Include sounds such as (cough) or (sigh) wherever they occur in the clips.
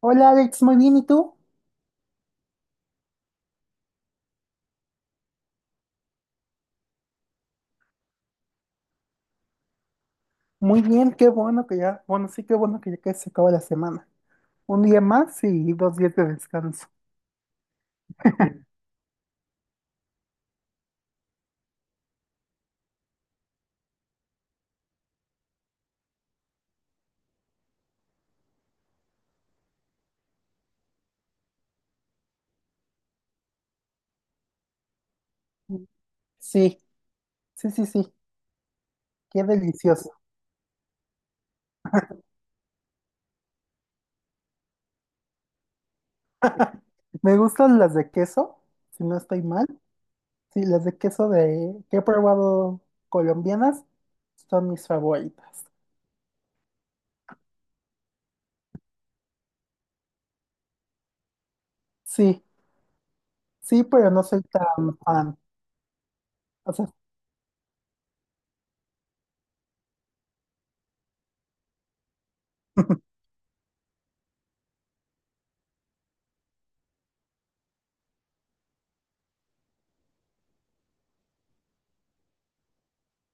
Hola Alex, muy bien, ¿y tú? Muy bien, qué bueno que ya, bueno, sí, qué bueno que ya casi se acaba la semana. Un día más y dos días de descanso. Sí, sí, sí, sí, qué delicioso. Me gustan las de queso, si no estoy mal. Sí, las de queso de que he probado colombianas son mis favoritas. Sí, sí, pero no soy tan fan. O sea, (laughs)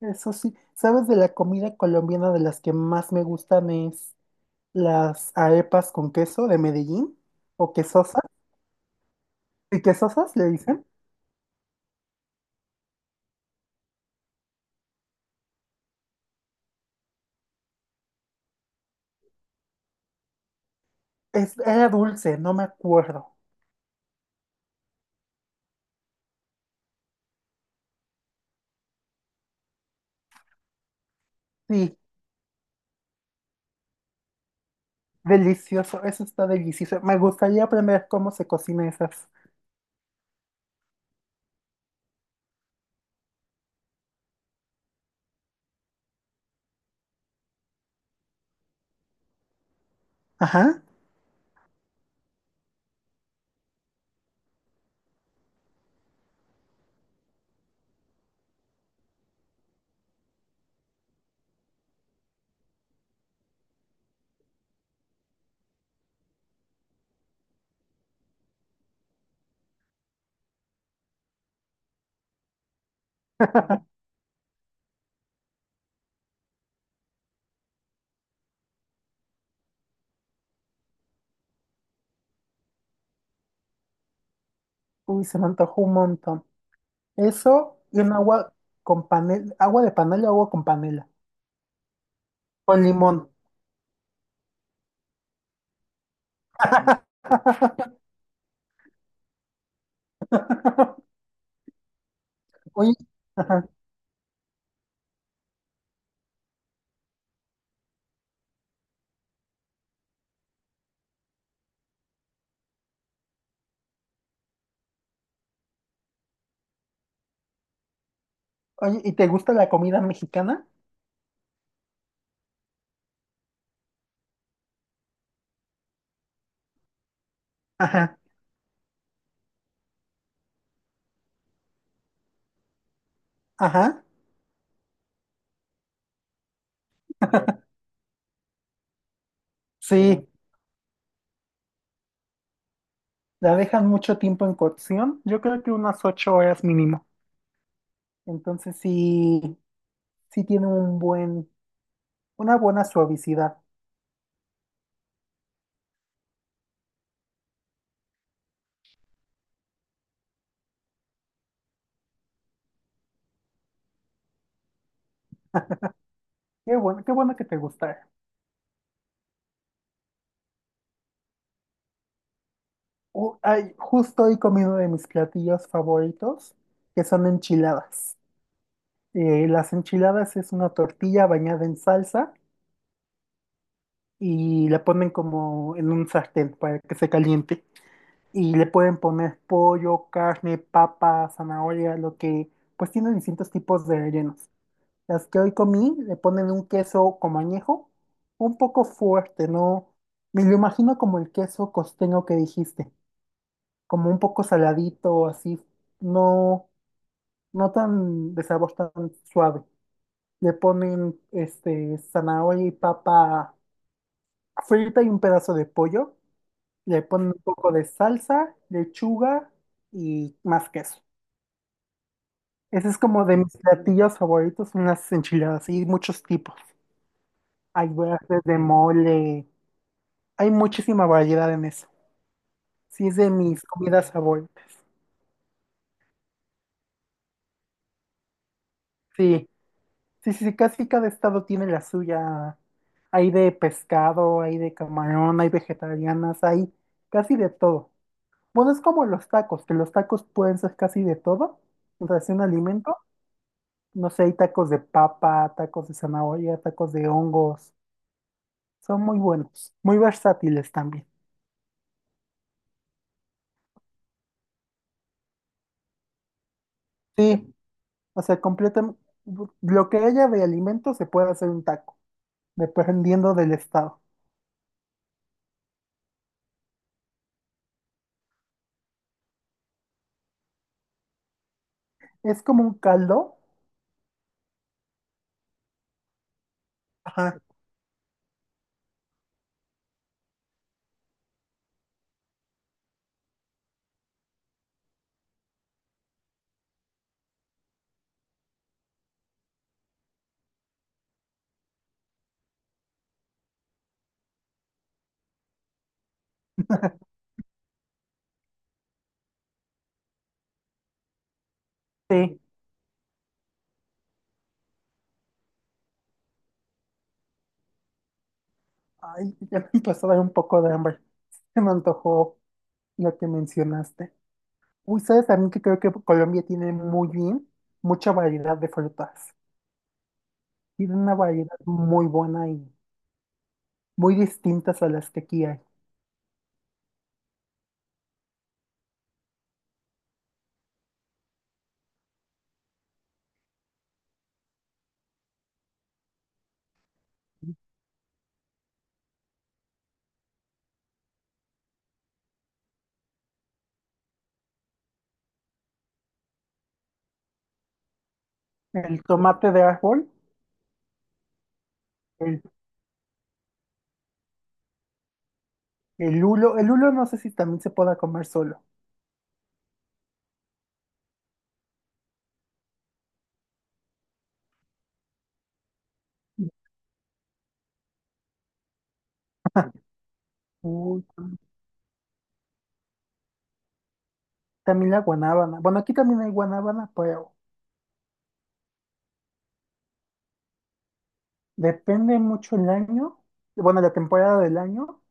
eso sí, ¿sabes de la comida colombiana de las que más me gustan es? Las arepas con queso de Medellín, o quesosas, y quesosas le dicen. Es, era dulce, no me acuerdo. Sí, delicioso, eso está delicioso. Me gustaría aprender cómo se cocina esas. Ajá. (laughs) Uy, se me antojó un montón. Eso y un agua con panela, agua de panela, agua con panela, con limón. (laughs) Oye, ajá. Oye, ¿y te gusta la comida mexicana? Ajá, ajá, sí. La dejan mucho tiempo en cocción, yo creo que unas 8 horas mínimo. Entonces sí, sí tiene un buen, una buena suavicidad. Qué bueno que te gustara. Ay, justo hoy comí uno de mis platillos favoritos, que son enchiladas. Las enchiladas es una tortilla bañada en salsa y la ponen como en un sartén para que se caliente. Y le pueden poner pollo, carne, papa, zanahoria, lo que, pues tiene distintos tipos de rellenos. Las que hoy comí le ponen un queso como añejo, un poco fuerte, ¿no? Me lo imagino como el queso costeño que dijiste, como un poco saladito, así, no, no tan de sabor tan suave. Le ponen este zanahoria y papa frita y un pedazo de pollo. Le ponen un poco de salsa, lechuga y más queso. Ese es como de mis platillos favoritos, son las enchiladas y muchos tipos. Hay verdes de mole. Hay muchísima variedad en eso. Sí, es de mis comidas favoritas. Sí, sí, sí, sí, casi cada estado tiene la suya. Hay de pescado, hay de camarón, hay vegetarianas, hay casi de todo. Bueno, es como los tacos, que los tacos pueden ser casi de todo. O sea, es un alimento. No sé, hay tacos de papa, tacos de zanahoria, tacos de hongos. Son muy buenos, muy versátiles también. Sí, o sea, completan lo que haya de alimento se puede hacer un taco, dependiendo del estado. Es como un caldo. Ajá. Sí. Ay, ya me (laughs) empezó a dar un poco de hambre. Se me antojó lo que mencionaste. Uy, ¿sabes también que creo que Colombia tiene muy bien, mucha variedad de frutas? Tiene una variedad muy buena y muy distintas a las que aquí hay. El tomate de árbol, el, el hulo no sé si también se pueda comer solo. Uy, también la guanábana. Bueno, aquí también hay guanábana, pero depende mucho el año, bueno, la temporada del año.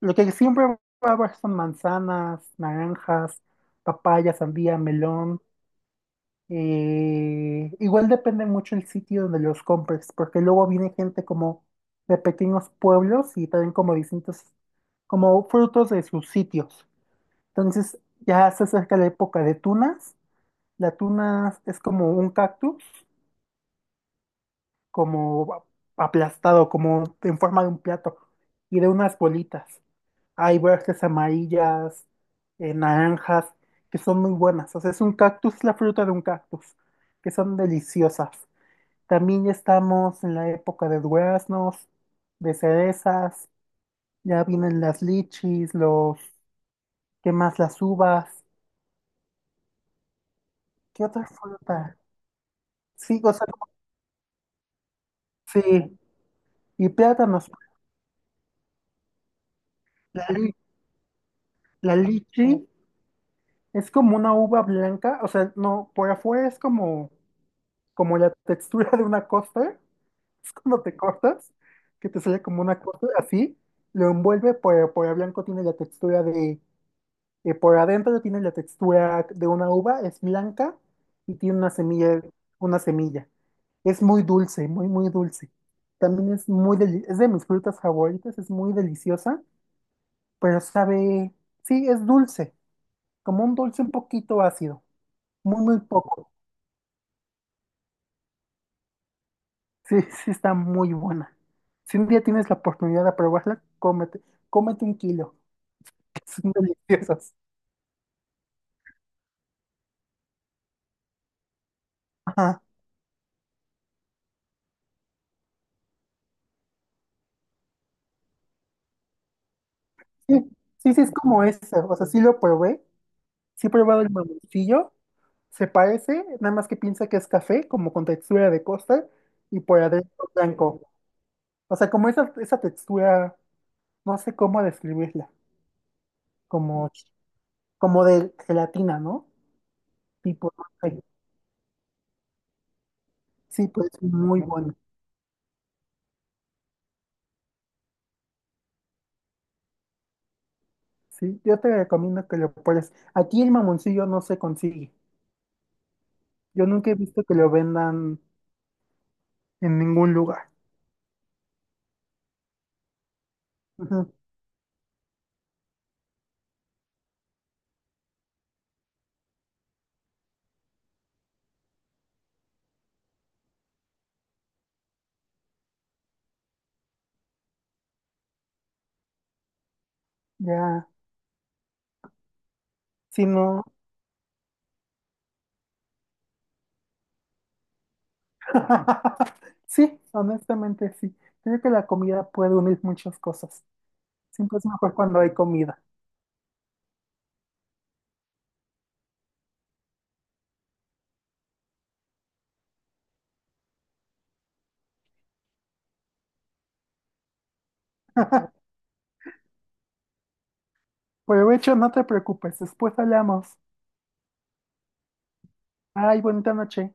Lo que siempre va a haber son manzanas, naranjas, papaya, sandía, melón. Igual depende mucho el sitio donde los compres, porque luego viene gente como de pequeños pueblos y traen como distintos, como frutos de sus sitios. Entonces ya se acerca la época de tunas. La tuna es como un cactus, como aplastado, como en forma de un plato y de unas bolitas. Hay verdes amarillas, naranjas, que son muy buenas. O sea, es un cactus, la fruta de un cactus, que son deliciosas. También ya estamos en la época de duraznos, de cerezas, ya vienen las lichis, los, ¿qué más? Las uvas. ¿Qué otra fruta? Sí, o sea, sí, y plátanos. La, li- la lichi es como una uva blanca, o sea, no, por afuera es como, como la textura de una costa. (laughs) Es cuando te cortas, que te sale como una corte así, lo envuelve por blanco, tiene la textura de, por adentro tiene la textura de una uva, es blanca y tiene una semilla, una semilla. Es muy dulce, muy, muy dulce. También es muy, deli- es de mis frutas favoritas, es muy deliciosa, pero sabe, sí, es dulce, como un dulce un poquito ácido, muy, muy poco. Sí, (laughs) sí, está muy buena. Si un día tienes la oportunidad de probarla, cómete, cómete un kilo. Son deliciosas. Ajá. Sí, sí, sí, es como eso. O sea, sí lo probé. Sí he probado el mamoncillo. Se parece, nada más que piensa que es café, como con textura de costa y por adentro blanco. O sea, como esa textura, no sé cómo describirla. Como, como de gelatina, ¿no? Tipo, no sé. Sí, pues muy bueno. Sí, yo te recomiendo que lo pruebes. Aquí el mamoncillo no se consigue. Yo nunca he visto que lo vendan en ningún lugar. Ujú. Ya, si no. (laughs) Sí, honestamente sí. Creo que la comida puede unir muchas cosas. Siempre es mejor cuando hay comida. Provecho, no te preocupes, después hablamos. Ay, bonita noche.